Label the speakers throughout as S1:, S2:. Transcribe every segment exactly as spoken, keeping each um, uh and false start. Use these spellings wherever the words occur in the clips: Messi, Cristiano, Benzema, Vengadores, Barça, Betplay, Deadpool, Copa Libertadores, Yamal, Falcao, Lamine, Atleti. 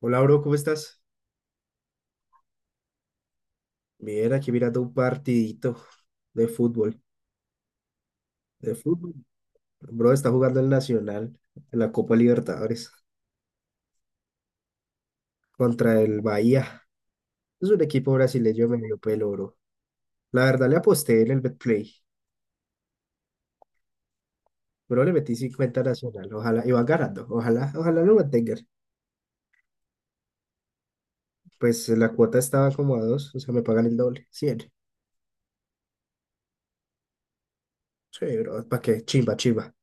S1: Hola, bro, ¿cómo estás? Bien, aquí mirando un partidito de fútbol. De fútbol. Bro, está jugando el Nacional en la Copa Libertadores contra el Bahía. Es un equipo brasileño medio pelo, bro. La verdad, le aposté en el Betplay. Bro, le metí cincuenta Nacional. Ojalá, y van ganando. Ojalá, ojalá lo mantengan. Pues eh, la cuota estaba como a dos, o sea, me pagan el doble, cien. Sí, bro, ¿para qué? Chimba, chimba.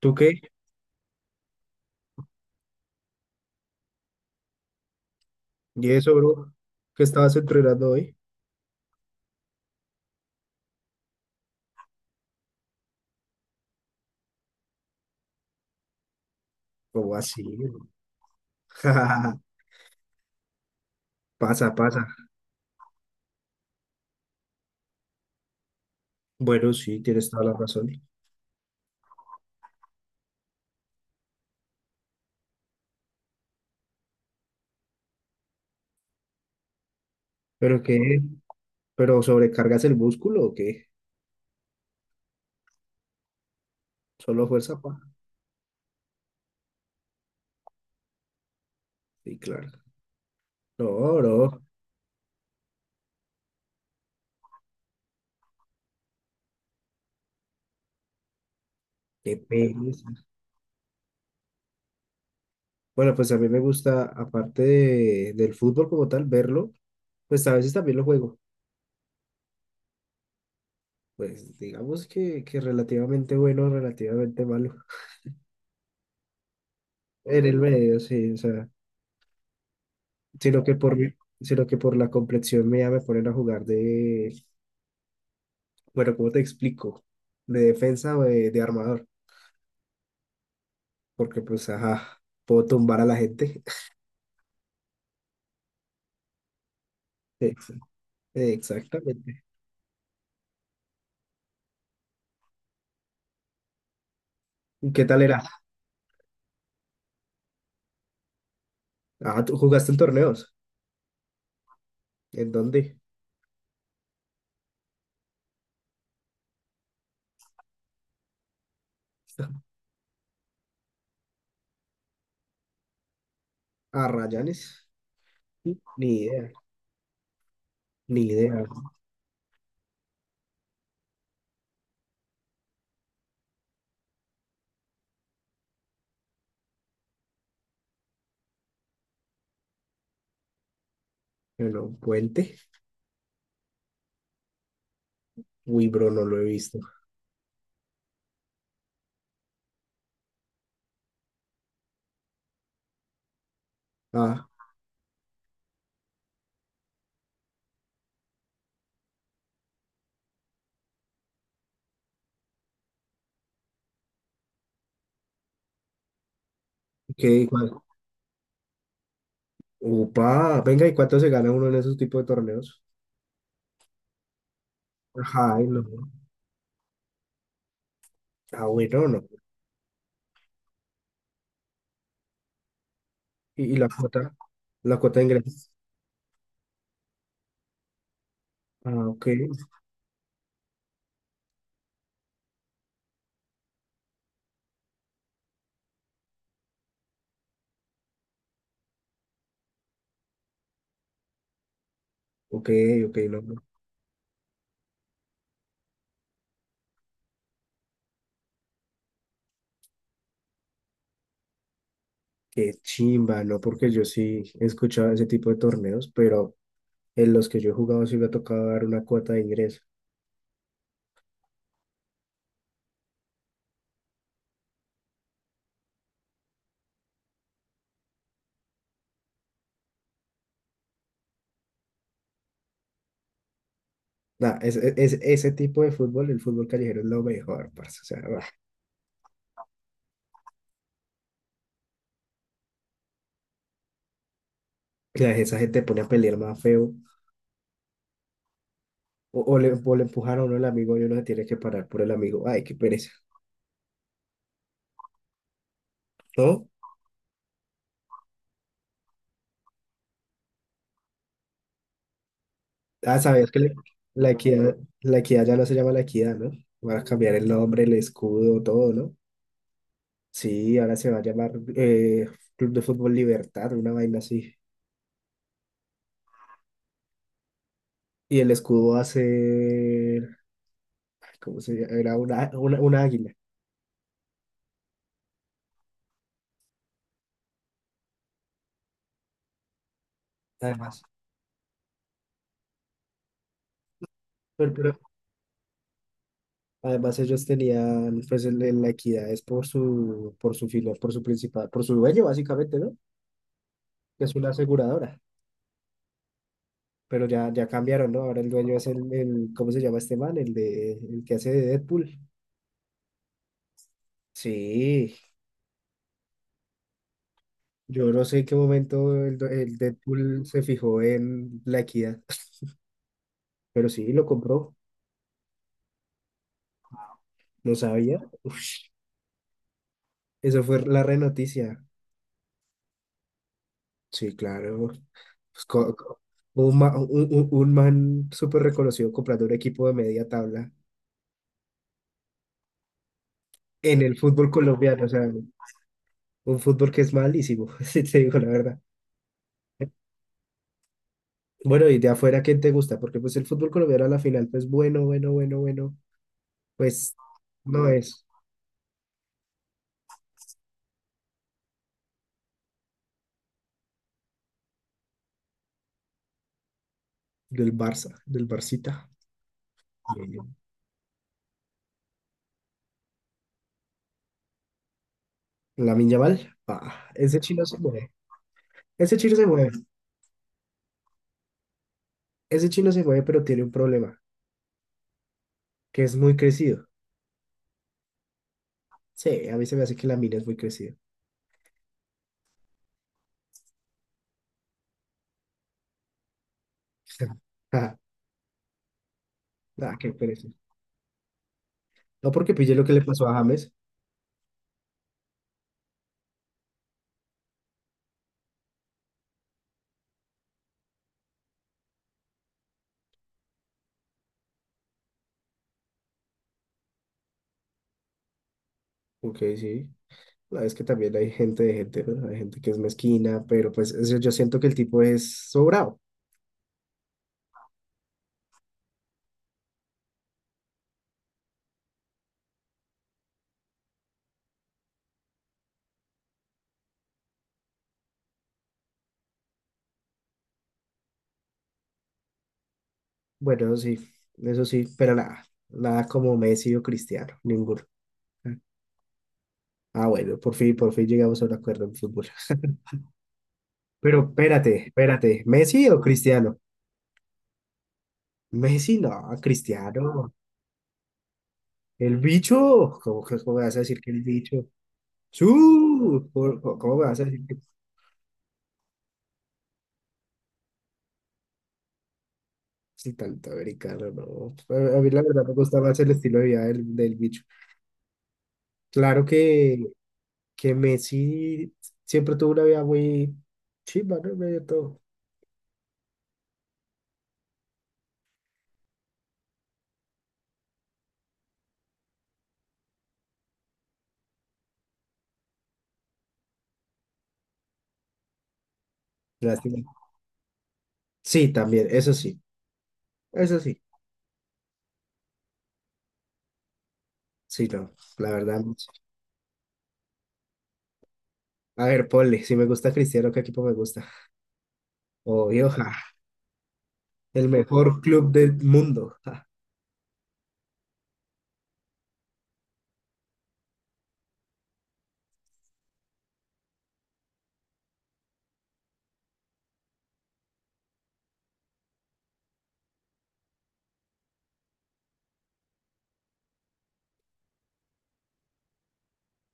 S1: ¿Tú qué? ¿Y eso, bro? ¿Qué estabas entrenando hoy? ¿Cómo así, bro? Pasa, pasa. Bueno, sí, tienes toda la razón. ¿Pero qué? ¿Pero sobrecargas el músculo o qué? ¿Solo fuerza, pa? Sí, claro. No, no, qué pereza. Bueno, pues a mí me gusta, aparte de- del fútbol como tal, verlo, pues a veces también lo juego. Pues digamos que, que relativamente bueno, relativamente malo. En el medio, sí, o sea, sino que por, mi- sino que por la complexión mía me ponen a jugar de, bueno, ¿cómo te explico? De defensa o de, de armador. Porque pues, ajá, puedo tumbar a la gente. Ex- Exactamente. ¿Y qué tal era? Ah, ¿tú jugaste en torneos? ¿En dónde? ¿A Rayanes? Ni idea, ni idea. Bueno, un puente. Uy, bro, no lo he visto. Ah, ¿qué? ¿Y cuál? Upa, venga, ¿y cuánto se gana uno en esos tipos de torneos? Ajá, ay, no. Ah, bueno, no. ¿Y, y la cuota? ¿La cuota de ingresos? Ah, ok, ok, ok, no, no. Qué chimba, ¿no? Porque yo sí he escuchado ese tipo de torneos, pero en los que yo he jugado sí me ha tocado dar una cuota de ingreso. Nah, es, es- es- ese tipo de fútbol, el fútbol callejero es lo mejor, parce. O sea, bah, la- esa gente pone a pelear más feo. O, o le, o le empujan a uno el amigo y uno se tiene que parar por el amigo. Ay, qué pereza. ¿No? Ah, sabías que le- la equidad, la equidad ya no se llama la equidad, ¿no? Van a cambiar el nombre, el escudo, todo, ¿no? Sí, ahora se va a llamar eh, Club de Fútbol Libertad, una vaina así. Y el escudo va a ser, ¿cómo se llama? Era una, una, una águila. Además. Pero, pero además ellos tenían pues el- el- la equidad es por su por su filial, por su principal, por su dueño básicamente, ¿no? Que es una aseguradora. Pero ya, ya cambiaron, ¿no? Ahora el dueño es el, el, ¿cómo se llama este man? El de el que hace de Deadpool. Sí, yo no sé en qué momento el, do- el Deadpool se fijó en la equidad, pero sí, lo compró, no sabía. Eso fue la re noticia. Sí, claro. Pues, co- co- un, ma- un, un- un man súper reconocido comprando un equipo de media tabla. En el fútbol colombiano, o sea, un fútbol que es malísimo, si te digo la verdad. Bueno, y de afuera, ¿quién te gusta? Porque pues el fútbol colombiano a la final, pues bueno, bueno, bueno, bueno, pues no es del Barça, del Barcita. La Yamal, ah, ese chino se mueve, ese chino se mueve, ese chino se mueve, pero tiene un problema, que es muy crecido. Sí, a mí se me hace que la mina es muy crecida. Ah, ah, qué pereza. No porque pille lo que le pasó a James, ok, sí. No, es que también hay gente de gente, ¿no? Hay gente que es mezquina, pero pues es- yo siento que el tipo es sobrado. Bueno, sí, eso sí, pero nada, nada como Messi o Cristiano, ninguno. Ah, bueno, por fin, por fin llegamos a un acuerdo en fútbol. Pero espérate, espérate, ¿Messi o Cristiano? Messi no, Cristiano. El bicho, ¿cómo, que- cómo me vas a decir que el bicho? ¡Su! ¿Cómo, cómo- cómo me vas a decir que si tanto americano? No. A, a mí la verdad me gusta más el estilo de vida del, del bicho. Claro que que Messi siempre tuvo una vida muy chimba, ¿no? En medio de todo. Lástima. Sí, también, eso sí, eso sí. Sí, no, la verdad. Messi. A ver, ponle, si me gusta Cristiano, ¿qué equipo me gusta? Obvio, ja, el mejor club del mundo, ja,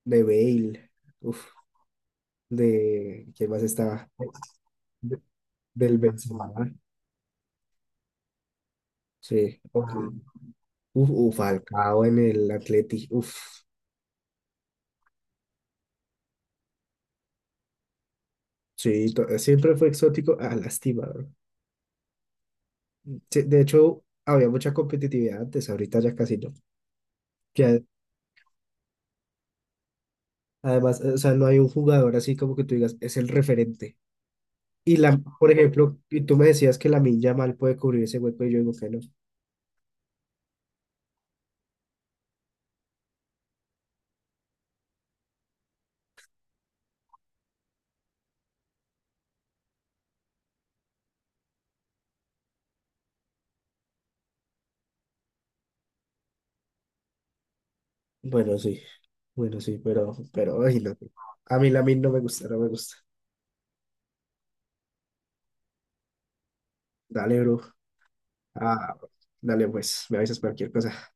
S1: de Bale, uf, de, ¿quién más estaba? De- Del Benzema, ¿no? Sí, ok. Uf, uf, Falcao en el Atleti, uf, sí, to- siempre fue exótico, ah, lástima. Sí, de hecho, había mucha competitividad antes, ahorita ya casi no. Que a- además, eh, o sea, no hay un jugador así como que tú digas, es el referente. Y la, por ejemplo, y tú me decías que la Lamine mal puede cubrir ese hueco y yo digo que no. Bueno, sí, bueno, sí, pero, pero, ay, no. A mí min no me gusta, no me gusta. Dale, bro. Ah, dale, pues, me avisas cualquier cosa.